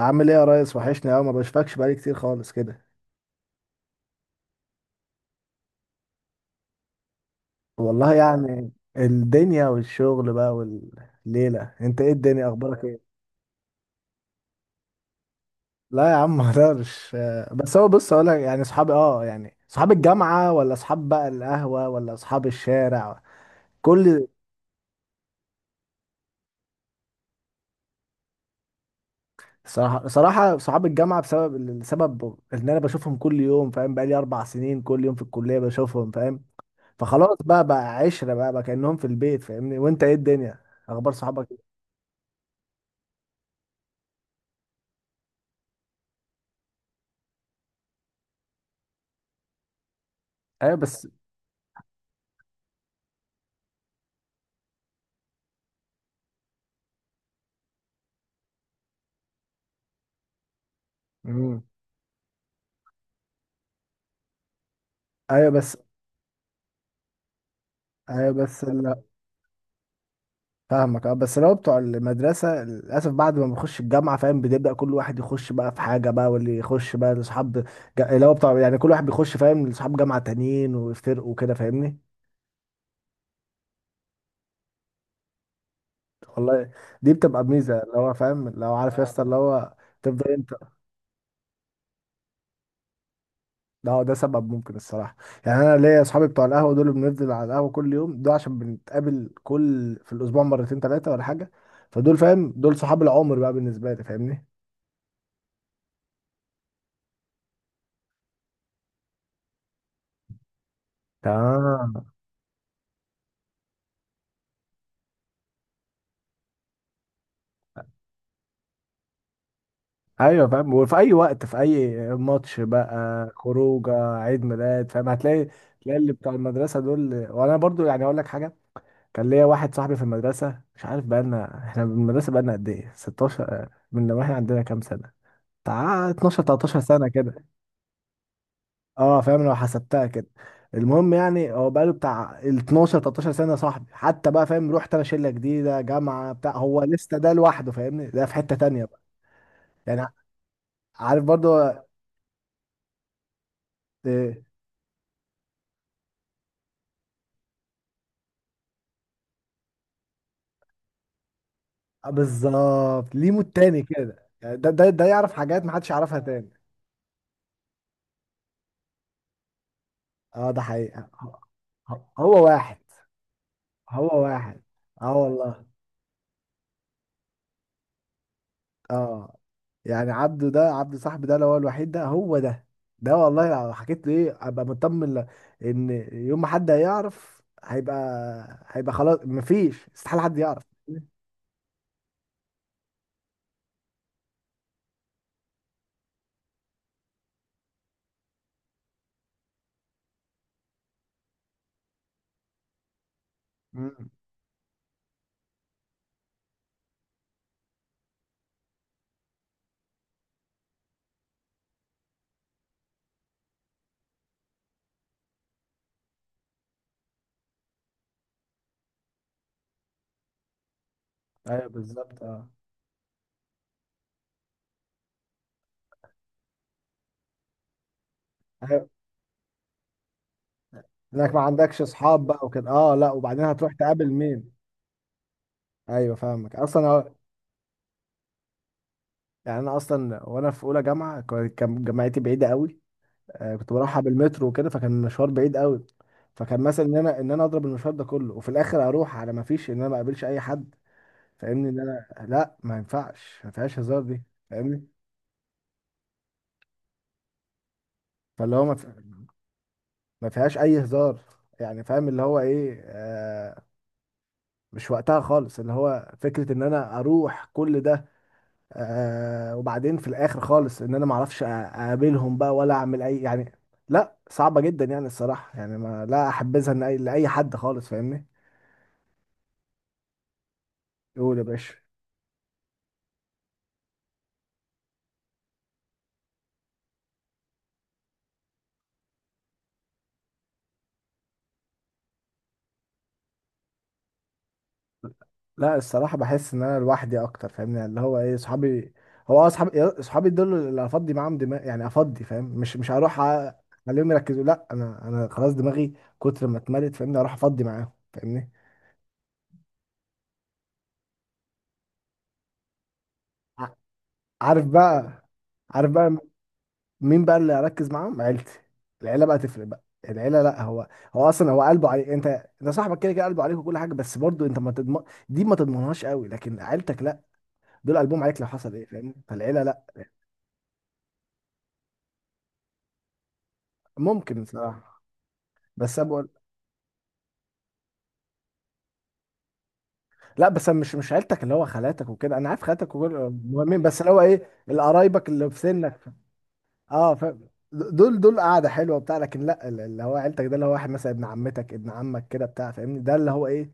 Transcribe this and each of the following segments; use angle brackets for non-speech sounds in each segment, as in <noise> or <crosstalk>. عامل ايه يا ريس؟ وحشني قوي، ما بشوفكش بقالي كتير خالص كده. والله يعني الدنيا والشغل بقى، والليلة انت ايه؟ الدنيا اخبارك ايه؟ لا يا عم <laughs> ما اقدرش. بس هو بص اقول لك، يعني اصحابي يعني اصحاب الجامعة، ولا اصحاب بقى القهوة، ولا اصحاب الشارع كل... صراحة صحاب الجامعة، بسبب السبب ان انا بشوفهم كل يوم، فاهم؟ بقالي 4 سنين كل يوم في الكلية بشوفهم، فاهم؟ فخلاص بقى، عشرة بقى، كأنهم في البيت، فاهمني؟ وانت ايه الدنيا، اخبار صحابك ايه؟ ايوه بس. مم. ايوه بس. ايوه بس لا. فاهمك. اه بس لو بتوع المدرسه، للاسف بعد ما بنخش الجامعه، فاهم؟ بنبدا كل واحد يخش بقى في حاجه بقى، واللي يخش بقى لاصحاب اللي هو بتوع، يعني كل واحد بيخش فاهم، لاصحاب جامعه تانيين، ويفترقوا وكده، فاهمني؟ والله دي بتبقى ميزه، اللي هو فاهم، لو عارف يا اسطى اللي هو. تفضل انت. لا، ده سبب ممكن الصراحه. يعني انا ليا اصحابي بتوع القهوه دول، بنفضل على القهوه كل يوم، ده عشان بنتقابل كل في الاسبوع مرتين ثلاثه ولا حاجه، فدول فاهم، دول صحاب العمر بقى بالنسبه لي، فاهمني؟ تمام. ايوه فاهم، وفي اي وقت، في اي ماتش بقى، خروجه، عيد ميلاد، فاهم؟ هتلاقي تلاقي اللي بتاع المدرسه دول. وانا برضو يعني اقول لك حاجه، كان ليا واحد صاحبي في المدرسه، مش عارف بقى لنا احنا من المدرسه بقى لنا قد ايه، 16 من لما احنا عندنا كام سنه؟ بتاع 12 13 سنه كده. اه فاهم لو حسبتها كده. المهم يعني، هو بقى له بتاع ال 12 13 سنه صاحبي حتى بقى، فاهم؟ رحت انا شله جديده، جامعه بتاع، هو لسه ده لوحده فاهمني، ده في حته تانيه بقى. يعني عارف برضو. آه، بالظبط، ليه مود تاني كده، يعني ده يعرف حاجات محدش يعرفها تاني. اه ده حقيقة. هو واحد. هو واحد. اه والله. اه يعني عبده، ده عبده صاحبي ده، اللي هو الوحيد، ده هو ده. ده والله لو حكيت له ايه، ابقى مطمن ان يوم ما حد هيعرف، هيبقى هيبقى خلاص، مفيش استحالة حد يعرف. امم. ايوه بالظبط اه. ايوه انك ما عندكش اصحاب بقى وكده. اه، لا، وبعدين هتروح تقابل مين؟ ايوه فاهمك. اصلا يعني انا اصلا، وانا في اولى جامعه، كان جامعتي بعيده قوي. كنت بروحها بالمترو وكده، فكان المشوار بعيد قوي. فكان مثلا ان انا اضرب المشوار ده كله، وفي الاخر اروح على ما فيش، ان انا ما اقابلش اي حد، فاهمني؟ ان انا لا، ما ينفعش، ما فيهاش هزار دي، فاهمني؟ فاللي هو ما فيهاش اي هزار يعني، فاهم اللي هو ايه. آه مش وقتها خالص، اللي هو فكره ان انا اروح كل ده، آه، وبعدين في الاخر خالص ان انا ما اعرفش اقابلهم بقى، ولا اعمل اي يعني. لا صعبة جدا يعني الصراحة، يعني ما لا احبذها إن لاي حد خالص، فاهمني؟ يقول يا باشا. لا الصراحة بحس ان انا لوحدي اكتر، فاهمني؟ يعني اللي هو ايه، صحابي، هو اه، صحابي دول اللي افضي معاهم دماغ، يعني افضي فاهم، مش هروح اخليهم يركزوا، لا انا خلاص دماغي كتر ما اتملت، فاهمني؟ اروح افضي معاهم، فاهمني؟ ع- عارف بقى. عارف بقى مين بقى اللي اركز معاهم؟ عيلتي. العيله بقى تفرق بقى. العيله لا، هو هو اصلا هو قلبه عليك انت، انت صاحبك كده كده قلبه عليك وكل حاجه، بس برضو انت ما تضمن، دي ما تضمنهاش قوي، لكن عيلتك لا، دول قلبهم عليك لو حصل ايه، فاهم؟ فالعيله لا. ممكن بصراحه، بس انا بقول. لا بس أنا مش عيلتك اللي هو خالاتك وكده، انا عارف خالاتك وكل، مهمين، بس اللي هو ايه، القرايبك اللي في سنك. اه فاهم، دول دول قاعده حلوه بتاع، لكن لا اللي هو عيلتك، ده اللي هو واحد مثلا ابن عمتك، ابن عمك كده بتاع، فاهمني؟ ده اللي هو ايه،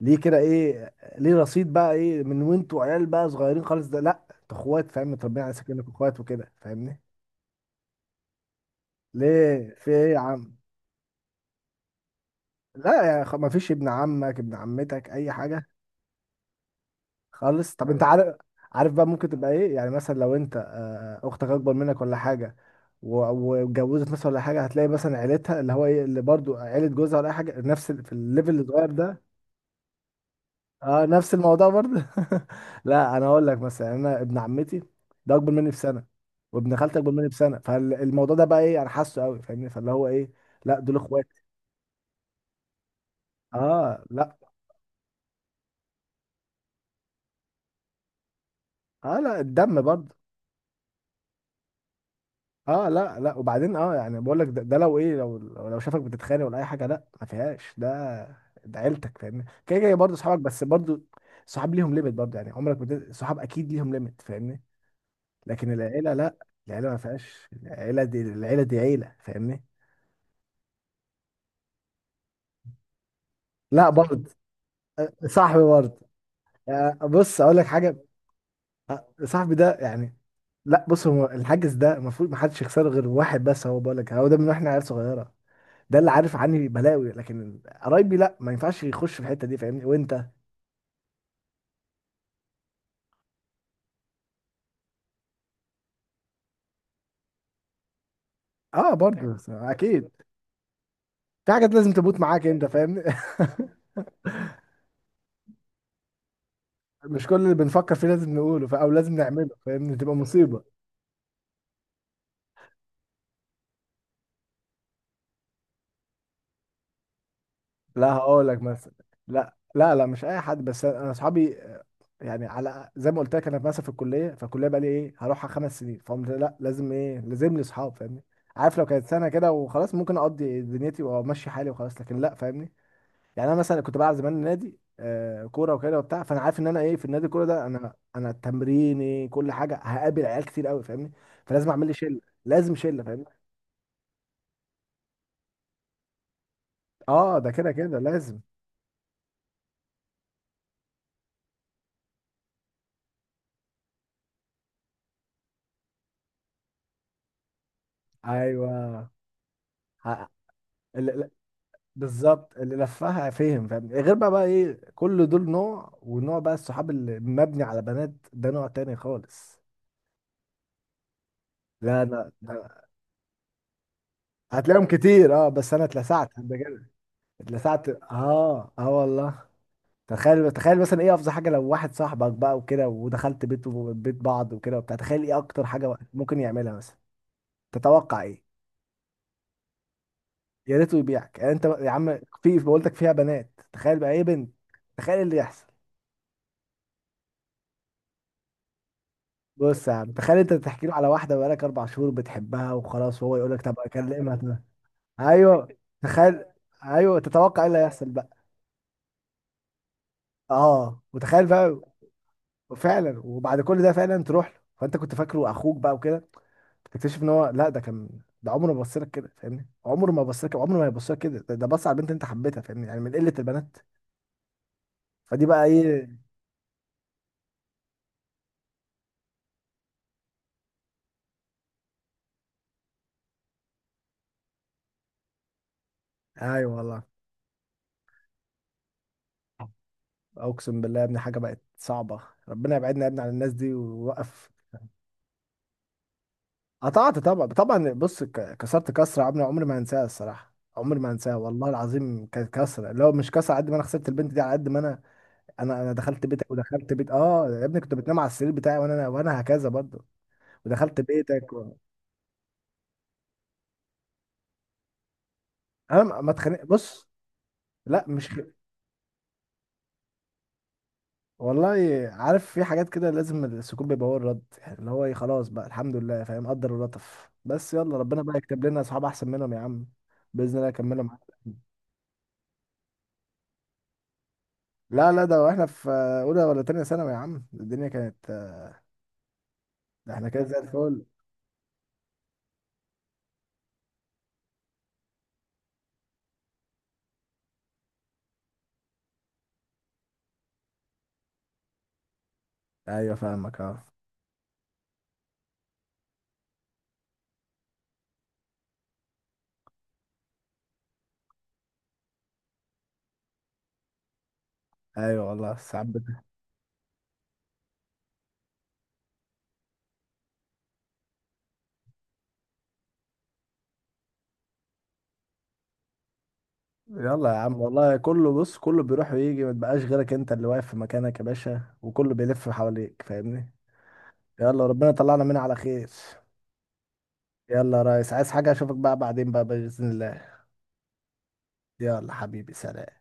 ليه كده؟ ايه ليه رصيد بقى ايه، من وانتوا عيال بقى صغيرين خالص، ده لا انتوا اخوات فاهم، متربيين على سكنك اخوات وكده، فاهمني؟ ليه، في ايه يا عم؟ لا يا ما فيش ابن عمك، ابن عمتك، اي حاجه؟ خالص طب انت عارف. عارف بقى، ممكن تبقى ايه، يعني مثلا لو انت اختك اكبر منك ولا حاجه، و- واتجوزت مثلا ولا حاجه، هتلاقي مثلا عيلتها، اللي هو ايه، اللي برضو عيله جوزها ولا اي حاجه، نفس في الليفل الصغير ده. اه نفس الموضوع برضه. <laughs> لا انا اقول لك مثلا، يعني انا ابن عمتي ده اكبر مني بسنه، وابن خالتي اكبر مني بسنه، فالموضوع ده بقى ايه، انا حاسه قوي، فاهمني؟ فاللي هو ايه، لا دول اخوات. اه لا. اه لا الدم برضه. اه لا لا، وبعدين اه يعني بقول لك ده، ده لو ايه، لو لو شافك بتتخانق ولا اي حاجه، لا ما فيهاش ده، ده عيلتك فاهمني، كده كده برضه صحابك، بس برضه صحاب ليهم ليميت برضه، يعني عمرك صحاب اكيد ليهم ليميت، فاهمني؟ لكن العيله لا، العيله ما فيهاش، العيله دي، العيله دي عيله، فاهمني؟ لا برضه. صاحبي برضه. بص اقول لك حاجه. صاحبي ده يعني، لا بص، هو الحاجز ده المفروض ما حدش يخسره غير واحد بس، هو بقول لك هو ده من واحنا عيال صغيره، ده اللي عارف عني بلاوي، لكن قرايبي لا، ما ينفعش يخش في الحته دي، فاهمني؟ وانت؟ اه برضه اكيد، في حاجات لازم تموت معاك انت، فاهمني؟ <laughs> مش كل اللي بنفكر فيه لازم نقوله او لازم نعمله، فاهمني؟ تبقى مصيبه. لا هقول لك مثلا. لا مش اي حد، بس انا اصحابي، يعني على زي ما قلت لك، انا مثلا في الكليه، فالكليه بقى لي ايه، هروحها 5 سنين، فقمت لا، لازم ايه، لازم لي اصحاب، فاهمني؟ عارف لو كانت سنه كده وخلاص، ممكن اقضي دنيتي وامشي حالي وخلاص، لكن لا فاهمني. يعني انا مثلا كنت بلعب زمان نادي، آه، كوره وكده وبتاع، فانا عارف ان انا ايه، في النادي، الكوره ده، انا تمريني كل حاجه، هقابل عيال كتير قوي، فاهمني؟ فلازم اعمل لي شله. لازم شله، فاهمني؟ اه ده كده كده لازم. ايوه. ه- بالظبط، اللي لفها فهم، فاهم؟ غير بقى، بقى ايه، كل دول نوع، ونوع بقى الصحاب اللي مبني على بنات، ده نوع تاني خالص. لا انا ده. هتلاقيهم كتير، اه، بس انا اتلسعت قبل كده. اتلسعت، اه اه والله. تخيل، تخيل مثلا ايه افظع حاجه، لو واحد صاحبك بقى وكده، ودخلت بيت بعض وكده وبتاع، تخيل ايه اكتر حاجه ممكن يعملها مثلا. تتوقع ايه؟ يا ريته يبيعك، يعني انت يا عم في بقولتك فيها بنات، تخيل بقى ايه، بنت، تخيل إيه اللي يحصل. بص يا عم، تخيل انت بتحكي له على واحده بقالك 4 شهور بتحبها وخلاص، وهو يقول لك طب اكلمها طب. ايوه. تخيل. ايوه، تتوقع ايه اللي هيحصل بقى. اه، وتخيل بقى، فعلا، وبعد كل ده فعلا تروح له، فانت كنت فاكره اخوك بقى وكده، تكتشف ان هو لا، ده كان، ده عمره ما بص لك كده، فاهمني؟ عمره ما بص لك، عمره ما هيبص لك كده، ده، ده بص على البنت انت حبيتها، فاهمني؟ يعني من قله البنات. فدي بقى ايه. ايوه والله. اقسم بالله يا ابني حاجه بقت صعبه، ربنا يبعدنا يا ابني عن الناس دي ويوقف. قطعت طبعا، طبعا. بص كسرت كسره عمري، عمري ما هنساها الصراحه، عمري ما هنساها والله العظيم، كانت كسره اللي هو مش كسره على قد ما انا خسرت البنت دي، على قد ما انا دخلت بيتك، ودخلت بيت، اه يا ابني كنت بتنام على السرير بتاعي، وانا هكذا برضه، ودخلت بيتك. انا ما اتخانق، بص، لا مش خ- والله. عارف في حاجات كده، لازم السكوت بيبقى هو الرد، يعني اللي هو ايه، خلاص بقى الحمد لله فاهم، قدر ولطف، بس يلا ربنا بقى يكتب لنا اصحاب احسن منهم يا عم. باذن الله يكملهم. لا لا ده واحنا في اولى ولا تانية ثانوي يا عم، الدنيا كانت، ده احنا كده زي الفل. ايوه فاهمك اه. ايوه والله ساعات يلا يا عم والله، كله بص، كله بيروح ويجي، ما تبقاش غيرك انت اللي واقف في مكانك يا باشا، وكله بيلف حواليك، فاهمني؟ يلا ربنا يطلعنا منها على خير. يلا يا ريس، عايز حاجة؟ اشوفك بقى بعدين بقى بإذن الله. يلا حبيبي سلام.